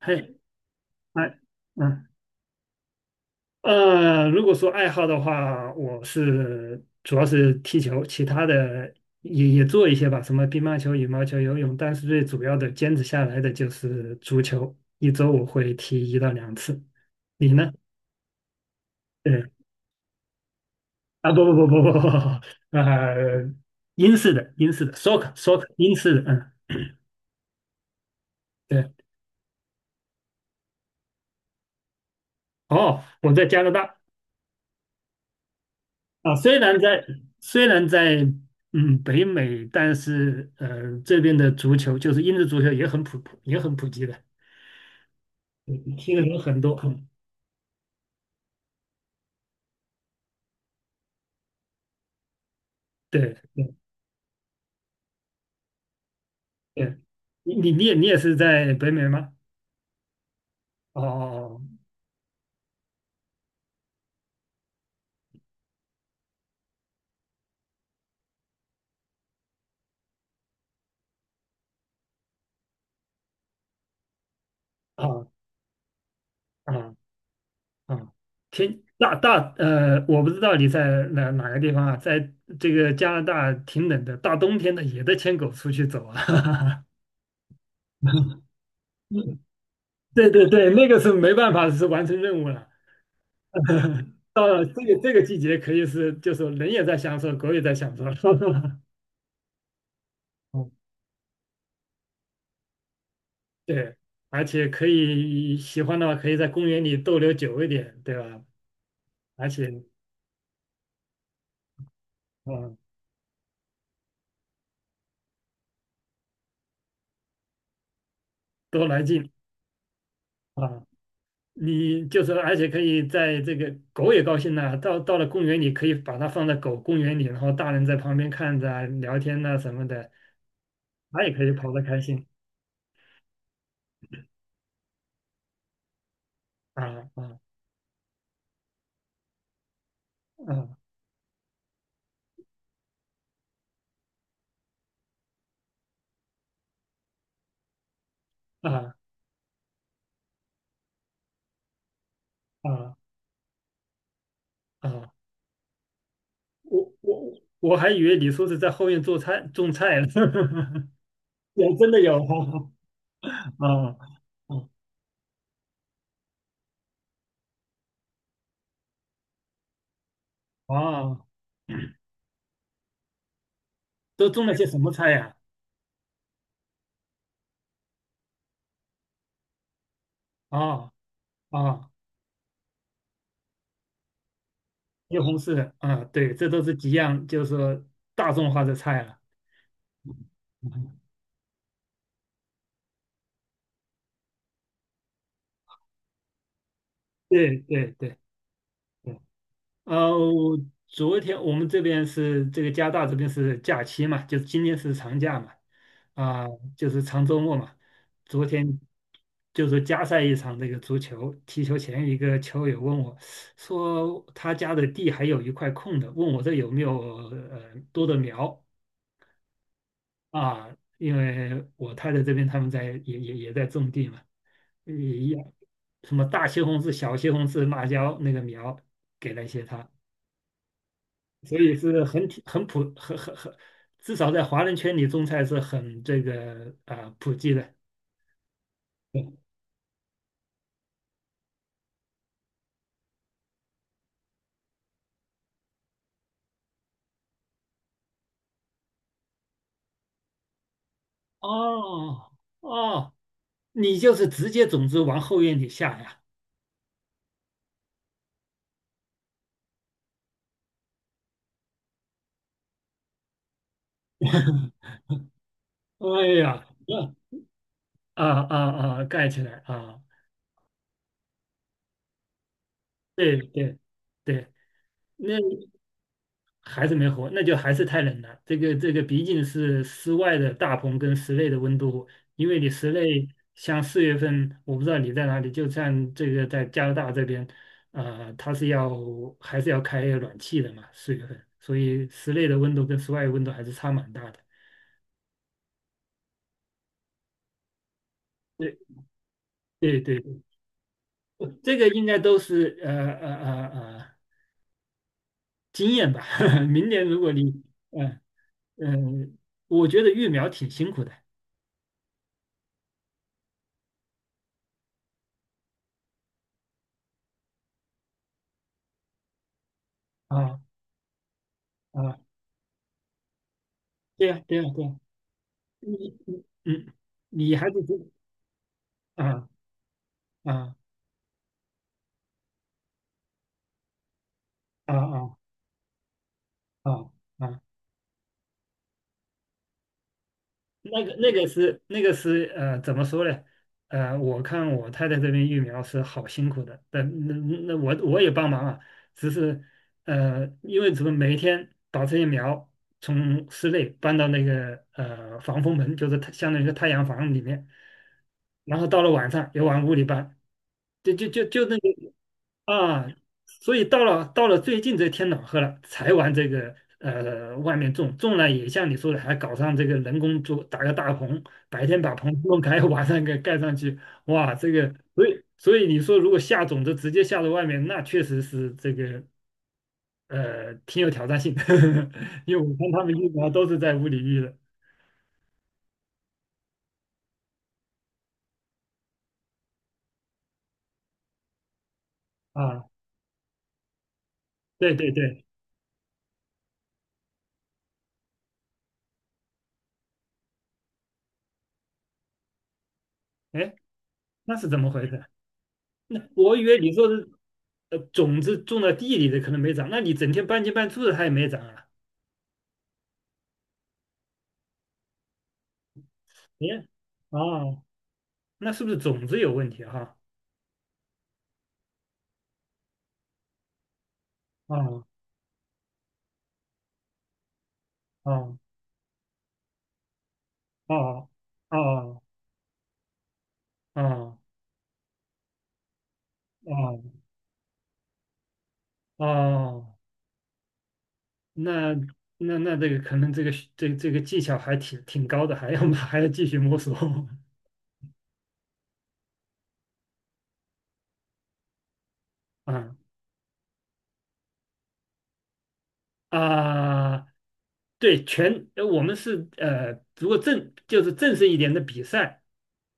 嘿。哎。嗯。如果说爱好的话，我是主要是踢球，其他的也做一些吧，什么乒乓球、羽毛球、游泳，但是最主要的坚持下来的就是足球，一周我会踢1到2次。你呢？对。啊，不不不不不不。呃，英式的 soccer 英式的，嗯，对。哦，我在加拿大。啊，虽然在北美，但是这边的足球就是英式足球也很普及的，嗯踢的人很多。嗯对对对，你也你也是在北美吗？哦哦哦哦哦。天大大呃，我不知道你在哪个地方啊，在这个加拿大挺冷的，大冬天的也得牵狗出去走啊。对对对，那个是没办法，是完成任务了。到了这个季节，可以是就是人也在享受，狗也在享受。嗯，对，而且可以喜欢的话，可以在公园里逗留久一点，对吧？而且，嗯，多来劲啊！你就是，而且可以在这个狗也高兴呢。到了公园里，可以把它放在狗公园里，然后大人在旁边看着啊、聊天呐、什么的，它也可以跑得开心啊啊啊啊啊啊！我我还以为你说是在后院做菜种菜呢。有，真的有啊，啊，嗯，啊！都种了些什么菜呀？啊？啊，啊，西红柿啊。对，这都是几样，就是说大众化的菜了。嗯，对对对对。呃，昨天我们这边是这个加拿大这边是假期嘛，就今天是长假嘛，啊，就是长周末嘛。昨天就是加赛一场那个足球，踢球前一个球友问我，说他家的地还有一块空的，问我这有没有多的苗啊？因为我太太这边他们在也在种地嘛，也一样，什么大西红柿、小西红柿、辣椒那个苗给了一些他。所以是很挺很普很很很，至少在华人圈里种菜是很这个啊、普及的。哦哦，你就是直接种子往后院里下呀？哎呀，啊啊啊，盖起来啊！对对对。那还是没活，那就还是太冷了。这个毕竟是室外的大棚跟室内的温度，因为你室内像四月份，我不知道你在哪里，就像这个在加拿大这边，它是要还是要开暖气的嘛，四月份，所以室内的温度跟室外的温度还是差蛮大的。对对对。 这个应该都是经验吧。明年如果你，嗯、呃嗯、呃我觉得育苗挺辛苦的。啊啊，对呀、对呀、对呀。你你嗯，你还是啊啊啊啊啊啊。那个是怎么说呢？我看我太太这边育苗是好辛苦的，但那我也帮忙啊，只是因为怎么每一天把这些苗从室内搬到那个防风门，就是太相当于一个太阳房里面，然后到了晚上又往屋里搬，就就就就那个啊，所以到了最近这天暖和了，才玩这个外面种，种了也像你说的，还搞上这个人工做，打个大棚，白天把棚弄开，晚上给盖上去。哇，这个，所以你说如果下种子直接下到外面，那确实是这个挺有挑战性。 因为我看他们育苗都是在屋里育的啊。对对对。哎，那是怎么回事？那我以为你说是种子种到地里的可能没长，那你整天半进半出的它也没长啊？哎，哦，那是不是种子有问题啊？哈，啊？哦哦哦哦哦哦。那那这个可能这个这个技巧还挺高的，还要还要继续摸索。 啊啊，对，全，我们是，如果就是正式一点的比赛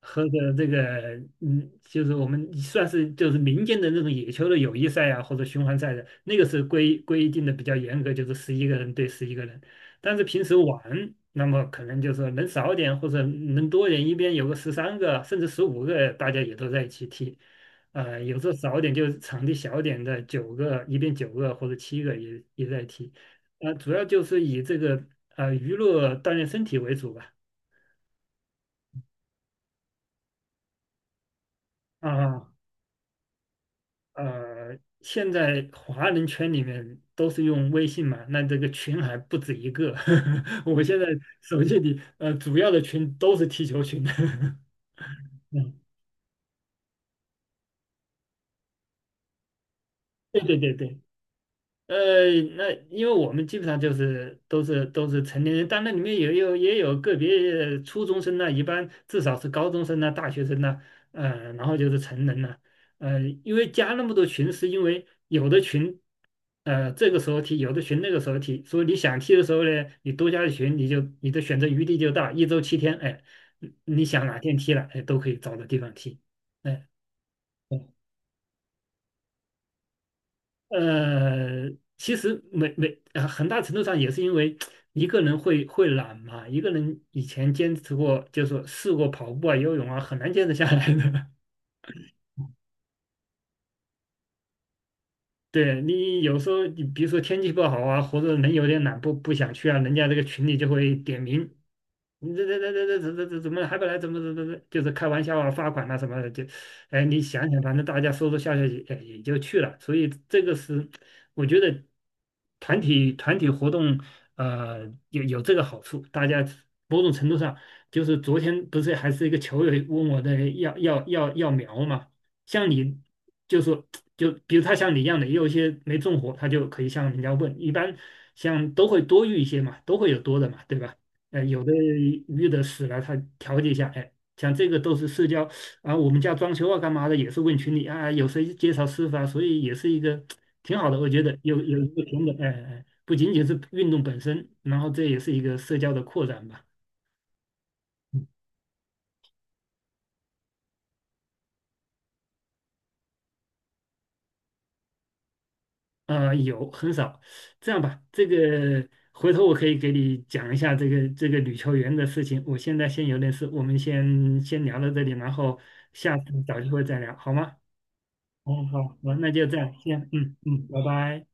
和的这个，嗯，就是我们算是就是民间的那种野球的友谊赛啊，或者循环赛的，那个是规定的比较严格，就是11个人对11个人。但是平时玩，那么可能就是能少点或者能多点，一边有个13个甚至15个，大家也都在一起踢。有时候少点，就是场地小点的九个，一边九个或者七个也也在踢。主要就是以这个娱乐锻炼身体为主吧。啊，呃，现在华人圈里面都是用微信嘛，那这个群还不止一个。我现在手机里主要的群都是踢球群。嗯，对对对对。呃，那因为我们基本上就是都是成年人，但那里面也有个别初中生呢、一般至少是高中生呐、大学生呢。然后就是成人了。因为加那么多群，是因为有的群，这个时候踢，有的群那个时候踢，所以你想踢的时候呢，你多加的群，你就你的选择余地就大，一周7天，哎，你你想哪天踢了，哎，都可以找到地方踢。哎。呃，其实没，很大程度上也是因为一个人会懒嘛，一个人以前坚持过，就是说试过跑步啊、游泳啊，很难坚持下来的。对，你有时候，你比如说天气不好啊，或者人有点懒不想去啊，人家这个群里就会点名你这这这这这这、这、怎怎么还不来？怎么就是开玩笑啊，罚款啊什么的，就，哎，你想想，反正大家说说笑笑也哎也就去了。所以这个是，我觉得团体活动，有这个好处，大家某种程度上就是昨天不是还是一个球友问我的要苗嘛，像你就说，就比如他像你一样的，也有一些没种活，他就可以向人家问，一般像都会多育一些嘛，都会有多的嘛，对吧？有的鱼的死了，他调节一下，哎，像这个都是社交啊。我们家装修啊，干嘛的也是问群里啊，有谁介绍师傅啊，所以也是一个挺好的。我觉得有一个平等，哎哎，不仅仅是运动本身，然后这也是一个社交的扩展吧。啊，有，很少。这样吧，这个回头我可以给你讲一下这个女球员的事情，我现在先有点事，我们先聊到这里，然后下次找机会再聊，好吗？哦，好，好，那就这样，先，嗯嗯，拜拜。